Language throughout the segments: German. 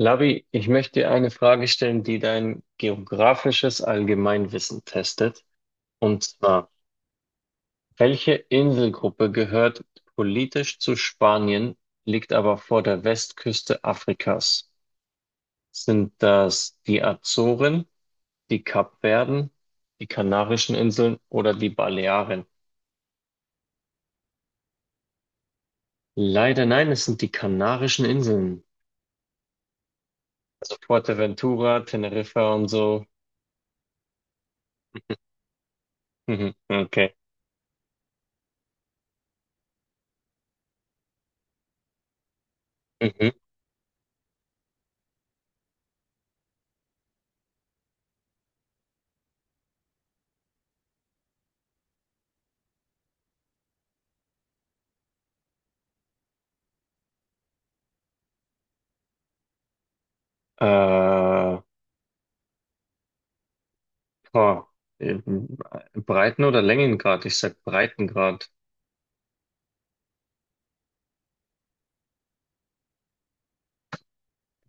Labi, ich möchte dir eine Frage stellen, die dein geografisches Allgemeinwissen testet. Und zwar, welche Inselgruppe gehört politisch zu Spanien, liegt aber vor der Westküste Afrikas? Sind das die Azoren, die Kapverden, die Kanarischen Inseln oder die Balearen? Leider nein, es sind die Kanarischen Inseln. Also Fuerteventura, Teneriffa und so. Mhm, okay. Mhm. Äh, Oh, ähm, Breiten- oder Längengrad? Ich sag Breitengrad.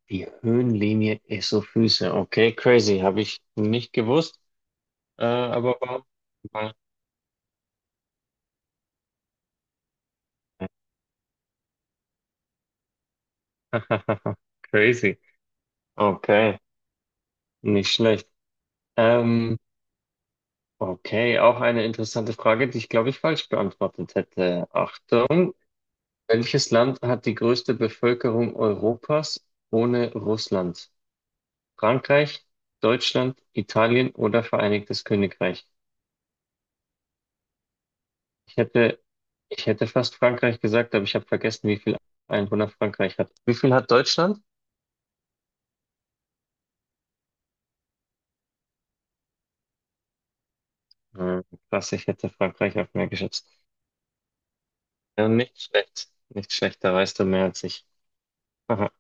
Die Höhenlinie Esophyse. Okay, crazy. Habe ich nicht gewusst, aber war crazy. Okay, nicht schlecht. Ähm, okay, auch eine interessante Frage, die ich glaube ich falsch beantwortet hätte. Achtung, welches Land hat die größte Bevölkerung Europas ohne Russland? Frankreich, Deutschland, Italien oder Vereinigtes Königreich? Ich hätte, ich hätte fast Frankreich gesagt, aber ich habe vergessen, wie viel Einwohner Frankreich hat. Wie viel hat Deutschland? Hm, krass, ich hätte Frankreich auf mehr geschätzt. Ja, nicht schlecht. Nicht schlecht, da weißt du mehr als ich. Aha.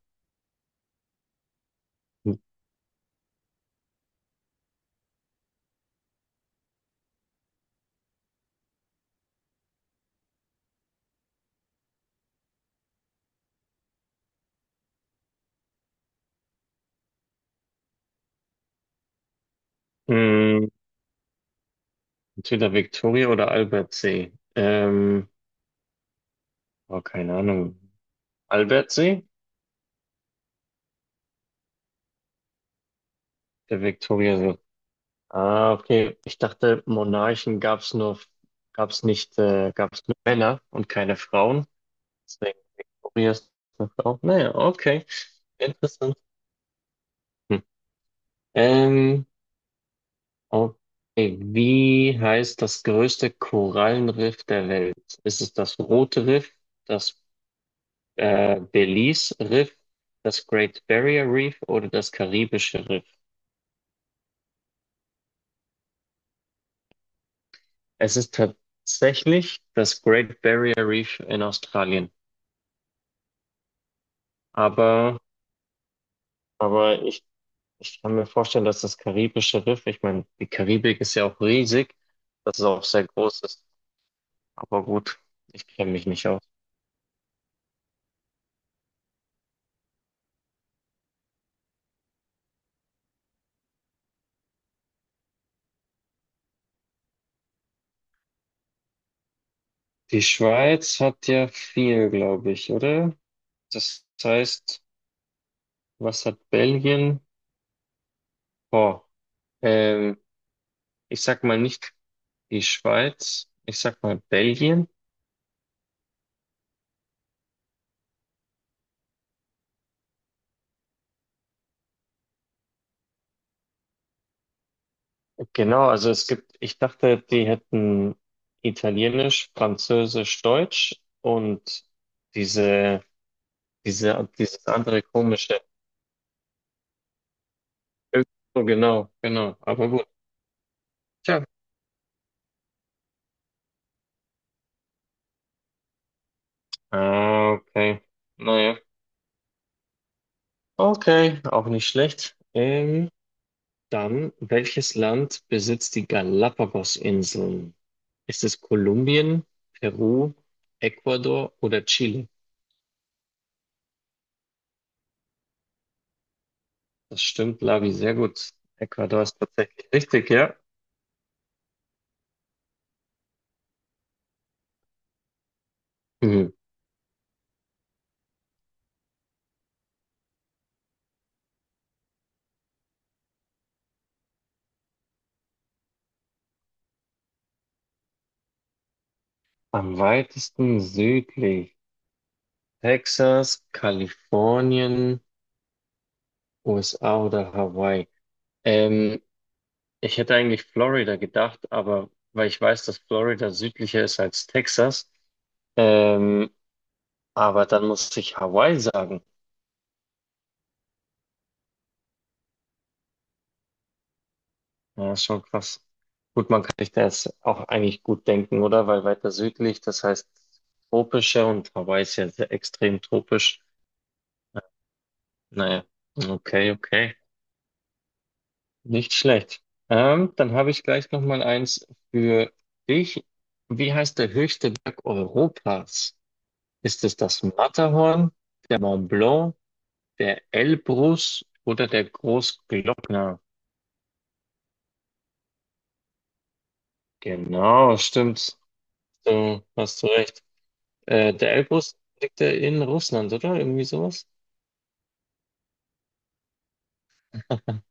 Hm, entweder Victoria oder Albertsee. Oh, keine Ahnung. Albertsee? Der Victoriasee. Ah, okay. Ich dachte, Monarchen gab's nur, gab's nicht, gab's nur Männer und keine Frauen. Deswegen. Maria ist eine Frau. Naja, okay. Interessant. Hm. Ähm, okay. Wie heißt das größte Korallenriff der Welt? Ist es das Rote Riff, das Belize Riff, das Great Barrier Reef oder das Karibische Riff? Es ist tatsächlich das Great Barrier Reef in Australien. Aber, aber ich kann mir vorstellen, dass das Karibische Riff, ich meine, die Karibik ist ja auch riesig, dass es auch sehr groß ist. Aber gut, ich kenne mich nicht aus. Die Schweiz hat ja viel, glaube ich, oder? Das heißt, was hat Belgien? Oh, ähm, ich sag mal nicht die Schweiz, ich sag mal Belgien. Genau, also es gibt, ich dachte, die hätten Italienisch, Französisch, Deutsch und diese, dieses andere komische. Irg- So genau, genau, aber gut. Tja. Ah, okay. Naja. Okay, auch nicht schlecht. Dann, welches Land besitzt die Galapagos-Inseln? Ist es Kolumbien, Peru, Ecuador oder Chile? Das stimmt, Lavi, sehr gut. Ecuador ist tatsächlich richtig, ja. Hm. Am weitesten südlich. Texas, Kalifornien, USA oder Hawaii. Ähm, ich hätte eigentlich Florida gedacht, aber weil ich weiß, dass Florida südlicher ist als Texas, ähm, aber dann musste ich Hawaii sagen. Ja, ist schon krass. Gut, man kann sich das auch eigentlich gut denken, oder? Weil weiter südlich, das heißt tropischer und Hawaii ist ja sehr extrem tropisch. Naja, okay, okay. Nicht schlecht. Dann habe ich gleich noch mal eins für dich. Wie heißt der höchste Berg Europas? Ist es das Matterhorn, der Mont Blanc, der Elbrus oder der Großglockner? Genau, stimmt. Du hast du recht. Der Elbrus liegt ja in Russland, oder? Irgendwie sowas?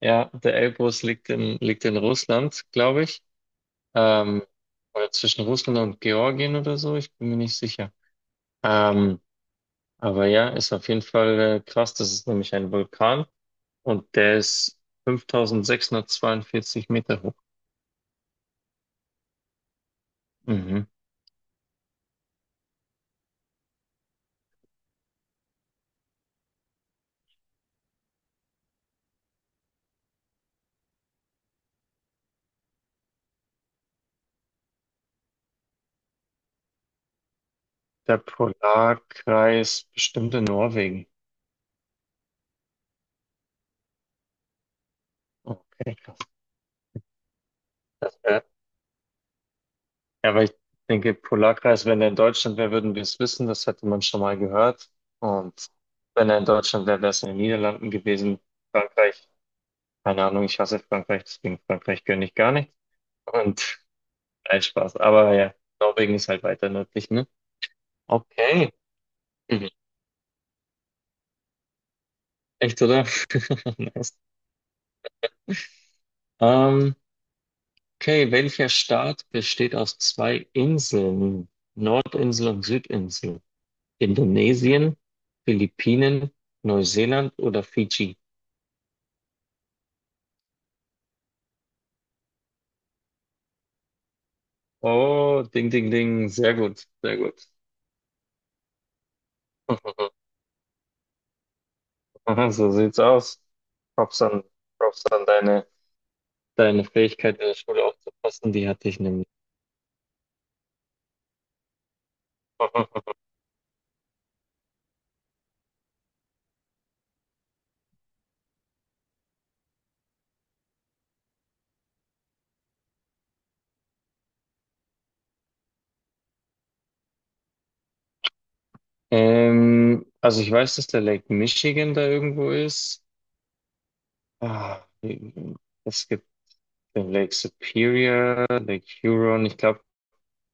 Ja, der Elbrus liegt in Russland, glaube ich. Ähm, oder zwischen Russland und Georgien oder so, ich bin mir nicht sicher. Ähm, aber ja, ist auf jeden Fall krass. Das ist nämlich ein Vulkan und der ist 5.642 Meter hoch. Mhm. Der Polarkreis bestimmt in Norwegen. Okay, krass. Das Ja, aber ich denke, Polarkreis, wenn er in Deutschland wäre, würden wir es wissen. Das hätte man schon mal gehört. Und wenn er in Deutschland wäre, wäre es in den Niederlanden gewesen. Frankreich, keine Ahnung, ich hasse Frankreich, deswegen Frankreich gönne ich gar nicht. Und nein, Spaß. Aber ja, Norwegen ist halt weiter nördlich, ne? Okay. Mhm. Echt, oder? Nice. Ähm, okay, welcher Staat besteht aus zwei Inseln? Nordinsel und Südinsel. Indonesien, Philippinen, Neuseeland oder Fidschi? Oh, ding, ding, ding. Sehr gut, sehr gut. So sieht's aus. Props an, Props an deine Fähigkeit, in der Schule aufzupassen. Die hatte ich nämlich. Also ich weiß, dass der Lake Michigan da irgendwo ist. Ah, es gibt den Lake Superior, Lake Huron. Ich glaube, ich,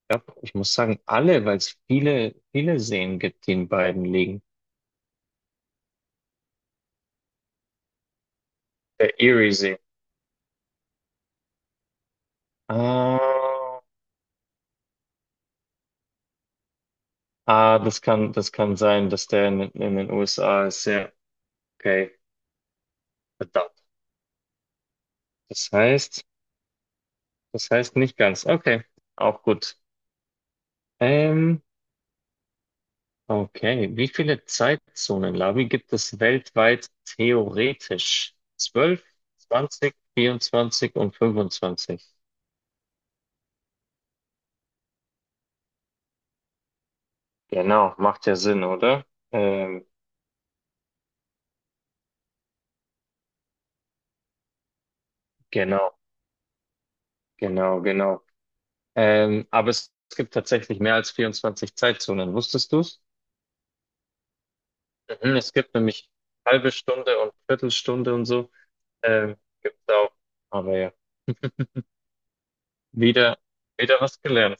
glaub, ja, ich muss sagen, alle, weil es viele, viele Seen gibt, die in beiden liegen. Der Erie See. Ah. Ah, das kann sein, dass der in den USA ist. Ja, okay, verdammt. Das heißt, das heißt nicht ganz. Okay, auch gut. Ähm, okay, wie viele Zeitzonen, Lavi, gibt es weltweit theoretisch? 12, 20, 24 und 25? Genau, macht ja Sinn, oder? Ähm, genau, genau, genau. Aber es gibt tatsächlich mehr als 24 Zeitzonen. Wusstest du's? Mhm, es gibt nämlich halbe Stunde und Viertelstunde und so. Ähm, gibt's auch. Aber ja, wieder, wieder was gelernt.